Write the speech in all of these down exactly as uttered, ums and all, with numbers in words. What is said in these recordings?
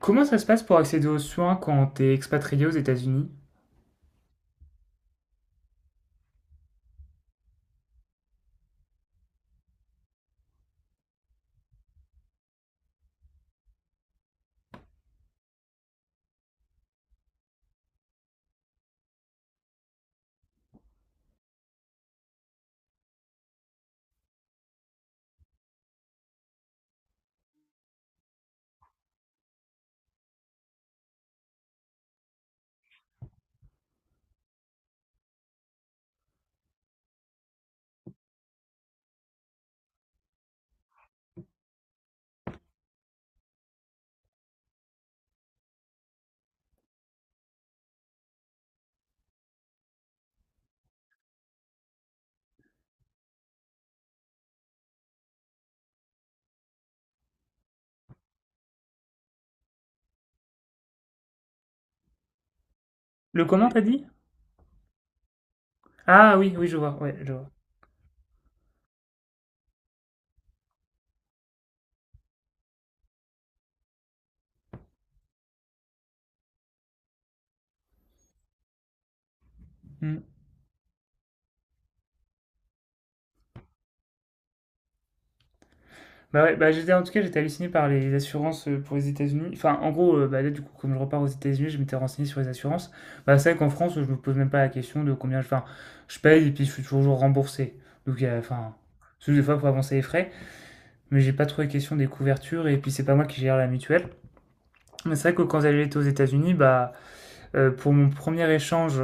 Comment ça se passe pour accéder aux soins quand t'es expatrié aux États-Unis? Le comment t'as dit? Ah oui, oui, je vois, ouais, je vois. Hmm. Bah ouais, bah j'étais en tout cas j'étais halluciné par les assurances euh, pour les États-Unis. Enfin, en gros, euh, bah là du coup, comme je repars aux États-Unis, je m'étais renseigné sur les assurances. Bah c'est vrai qu'en France, je me pose même pas la question de combien je, enfin, je paye et puis je suis toujours remboursé. Donc euh, enfin, c'est juste des fois pour avancer les frais, mais j'ai pas trop les questions des couvertures et puis c'est pas moi qui gère la mutuelle. Mais c'est vrai que quand j'allais aux États-Unis, bah Euh, pour mon premier échange,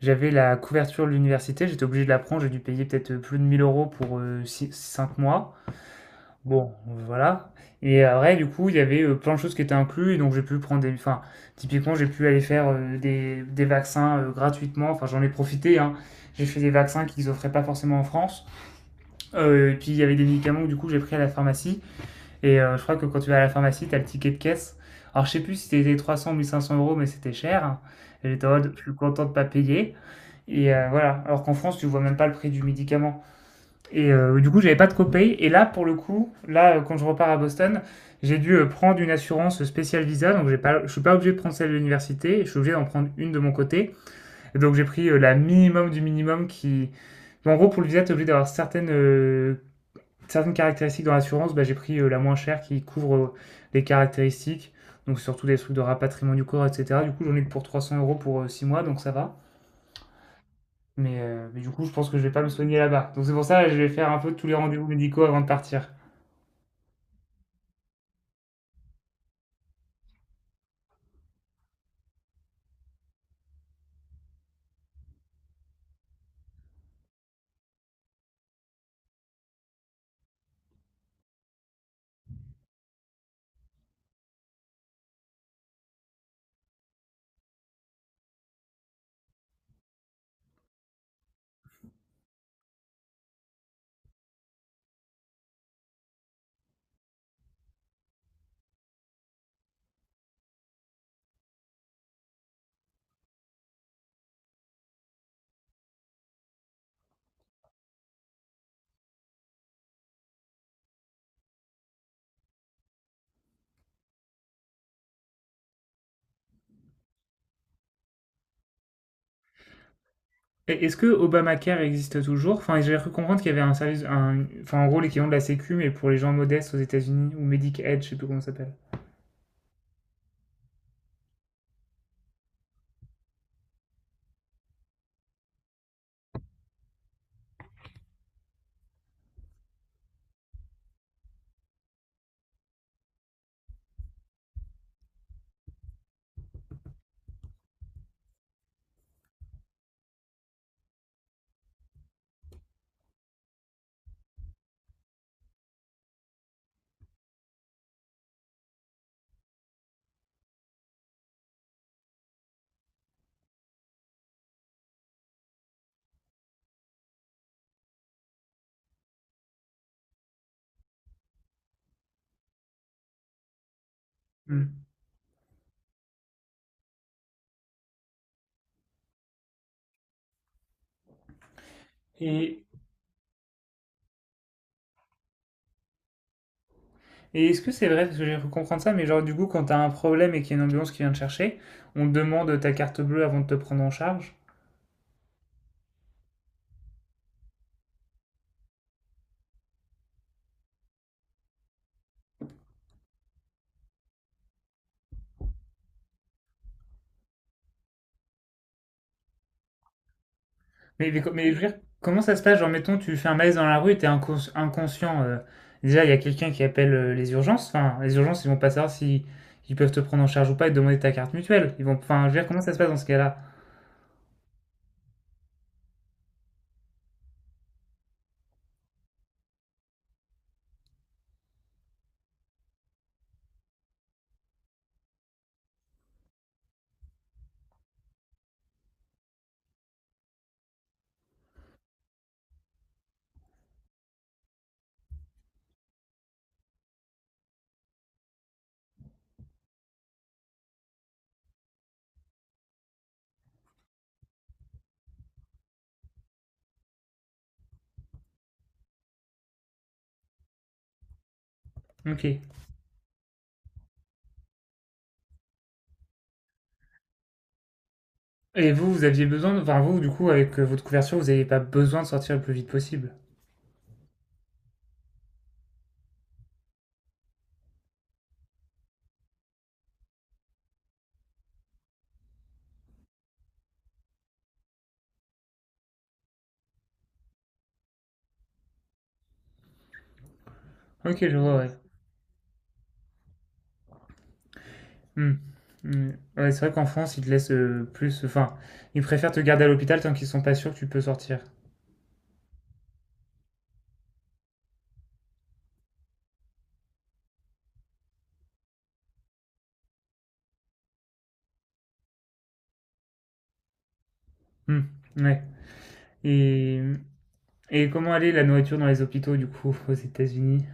j'avais la couverture de l'université, j'étais obligé de la prendre, j'ai dû payer peut-être euh, plus de mille euros pour cinq mois. Bon, voilà. Et après, du coup, il y avait euh, plein de choses qui étaient incluses, et donc j'ai pu prendre des. Enfin, typiquement, j'ai pu aller faire euh, des, des vaccins euh, gratuitement. Enfin, j'en ai profité, hein. J'ai fait des vaccins qu'ils offraient pas forcément en France. Euh, et puis, il y avait des médicaments que, du coup, j'ai pris à la pharmacie. Et euh, je crois que quand tu vas à la pharmacie, t'as le ticket de caisse. Alors, je sais plus si c'était trois cents ou mille cinq cents euros, mais c'était cher. Et j'étais en mode, je suis content de pas payer. Et euh, voilà. Alors qu'en France, tu vois même pas le prix du médicament. Et euh, du coup, j'avais pas de copay. Et là, pour le coup, là, euh, quand je repars à Boston, j'ai dû euh, prendre une assurance spéciale visa. Donc, j'ai pas, je suis pas obligé de prendre celle de l'université. Je suis obligé d'en prendre une de mon côté. Et donc, j'ai pris euh, la minimum du minimum qui. En gros, pour le visa, tu es obligé d'avoir certaines euh, certaines caractéristiques dans l'assurance, bah, j'ai pris euh, la moins chère qui couvre euh, les caractéristiques, donc surtout des trucs de rapatriement du corps, et cetera. Du coup, j'en ai pour trois cents euros pour euh, six mois, donc ça va. Mais, euh, mais du coup, je pense que je vais pas me soigner là-bas. Donc c'est pour ça que je vais faire un peu tous les rendez-vous médicaux avant de partir. Et est-ce que Obamacare existe toujours? Enfin, j'ai cru comprendre qu'il y avait un service, un- enfin en gros l'équivalent de la Sécu, mais pour les gens modestes aux États-Unis, ou Medicaid, je sais plus comment ça s'appelle. Hmm. Et, et est-ce que c'est vrai, parce que j'ai cru comprendre ça, mais genre du coup quand t'as un problème et qu'il y a une ambulance qui vient te chercher, on te demande ta carte bleue avant de te prendre en charge? Mais, mais, co- mais je veux dire, comment ça se passe? Genre mettons tu fais un malaise dans la rue, et t'es incons- inconscient. Euh, déjà il y a quelqu'un qui appelle euh, les urgences, enfin les urgences ils vont pas savoir si ils peuvent te prendre en charge ou pas et te demander ta carte mutuelle. Ils vont, enfin je veux dire comment ça se passe dans ce cas-là? Ok. Et vous, vous aviez besoin de... Enfin, vous, du coup, avec euh, votre couverture, vous n'avez pas besoin de sortir le plus vite possible. Ok, je vois, ouais. Hmm. Hmm. Ouais, c'est vrai qu'en France, ils te laissent euh, plus... Enfin, ils préfèrent te garder à l'hôpital tant qu'ils sont pas sûrs que tu peux sortir. Hmm. Ouais. Et... Et comment aller la nourriture dans les hôpitaux, du coup, aux États-Unis?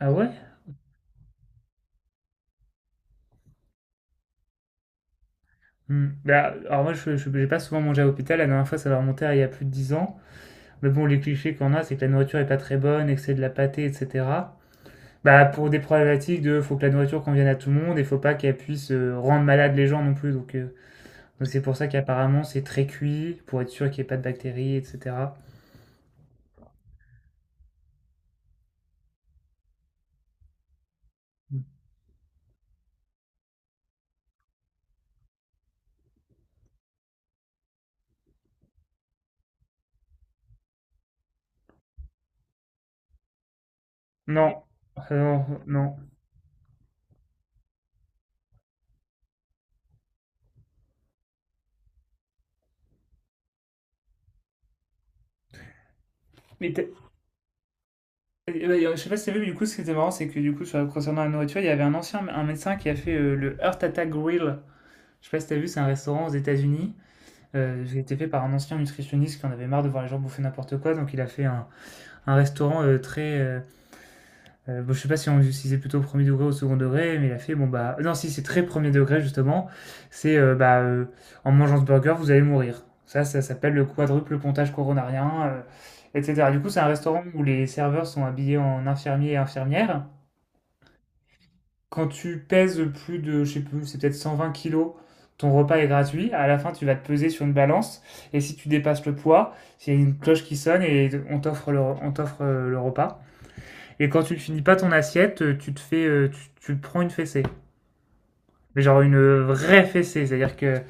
Ah ouais? Hmm. Bah, alors moi, je, je- j'ai pas souvent mangé à l'hôpital. La dernière fois, ça va remonter à il y a plus de dix ans. Mais bon, les clichés qu'on a, c'est que la nourriture est pas très bonne et que c'est de la pâtée, et cetera. Bah, pour des problématiques de faut que la nourriture convienne à tout le monde et faut pas qu'elle puisse euh, rendre malade les gens non plus. Donc, euh, donc c'est pour ça qu'apparemment c'est très cuit pour être sûr qu'il n'y ait pas de bactéries, et cetera. Non, non non. Mais t'as- euh, ouais, je sais pas si t'as vu, mais du coup, ce qui était marrant, c'est que du coup, sur, concernant la nourriture, il y avait un ancien un médecin qui a fait euh, le Heart Attack Grill. Je sais pas si t'as vu, c'est un restaurant aux États-Unis. Euh, qui a été fait par un ancien nutritionniste qui en avait marre de voir les gens bouffer n'importe quoi. Donc, il a fait un, un restaurant euh, très, euh, Euh, bon, je sais pas si on si c'est plutôt au premier degré ou au second degré, mais il a fait bon bah non si c'est très premier degré justement, c'est euh, bah euh, en mangeant ce burger vous allez mourir. Ça ça s'appelle le quadruple pontage coronarien, euh, et cetera. Du coup c'est un restaurant où les serveurs sont habillés en infirmiers et infirmières. Quand tu pèses plus de je sais plus c'est peut-être cent vingt kilos, ton repas est gratuit. À la fin tu vas te peser sur une balance et si tu dépasses le poids, il y a une cloche qui sonne et on t'offre le on t'offre euh, le repas. Et quand tu ne finis pas ton assiette, euh, tu te fais, euh, tu, tu prends une fessée. Mais genre une euh, vraie fessée, c'est-à-dire que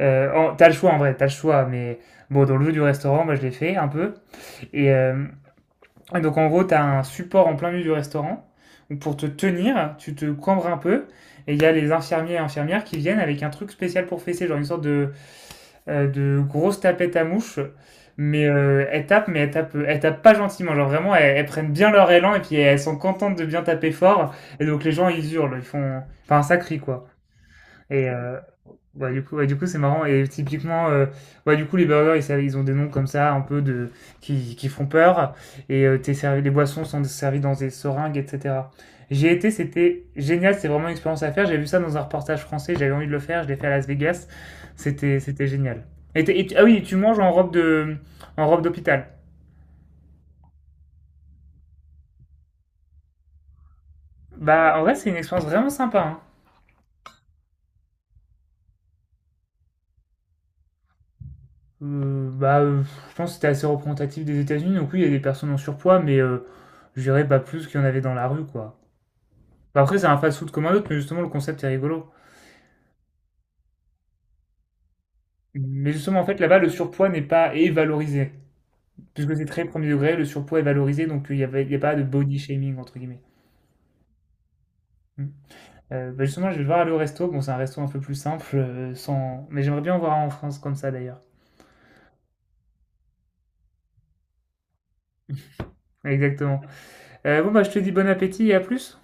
euh, oh, t'as le choix en vrai, t'as le choix, mais bon, dans le jeu du restaurant, moi je l'ai fait un peu, et euh, et donc en gros, tu as un support en plein milieu du restaurant où pour te tenir, tu te cambres un peu et il y a les infirmiers et infirmières qui viennent avec un truc spécial pour fesser, genre une sorte de, euh, de grosse tapette à mouche. Mais euh, elles tapent, mais elles tapent, elles tapent pas gentiment. Genre vraiment, elles, elles prennent bien leur élan et puis elles sont contentes de bien taper fort. Et donc les gens, ils hurlent, ils font... Enfin, ça crie quoi. Et, euh, Ouais, du coup, ouais, du coup, c'est marrant. Et typiquement, euh, ouais, du coup, les burgers, ils, savent- ils ont des noms comme ça, un peu de, qui, qui font peur. Et euh, t'es servi, les boissons sont servies dans des seringues, et cetera. J'y ai été, c'était génial. C'était vraiment une expérience à faire. J'ai vu ça dans un reportage français. J'avais envie de le faire. Je l'ai fait à Las Vegas. C'était, c'était génial. Et, t'es- et tu- ah oui, tu manges en robe de, en robe d'hôpital. Bah, en vrai, c'est une expérience vraiment sympa, hein. Euh, bah, euh, je pense que c'était assez représentatif des États-Unis. Donc oui, il y a des personnes en surpoids, mais euh, je dirais pas plus qu'il y en avait dans la rue, quoi. Bah, après, c'est un fast-food comme un autre, mais justement, le concept est rigolo. Mais justement, en fait, là-bas, le surpoids n'est pas est valorisé. Puisque c'est très premier degré, le surpoids est valorisé, donc euh, il n'y a, il y a pas de body shaming, entre guillemets. Mm. Euh, bah, justement, je vais devoir aller au resto. Bon, c'est un resto un peu plus simple, euh, sans... mais j'aimerais bien en voir un en France comme ça, d'ailleurs. Exactement. Euh, bon, bah, je te dis bon appétit et à plus.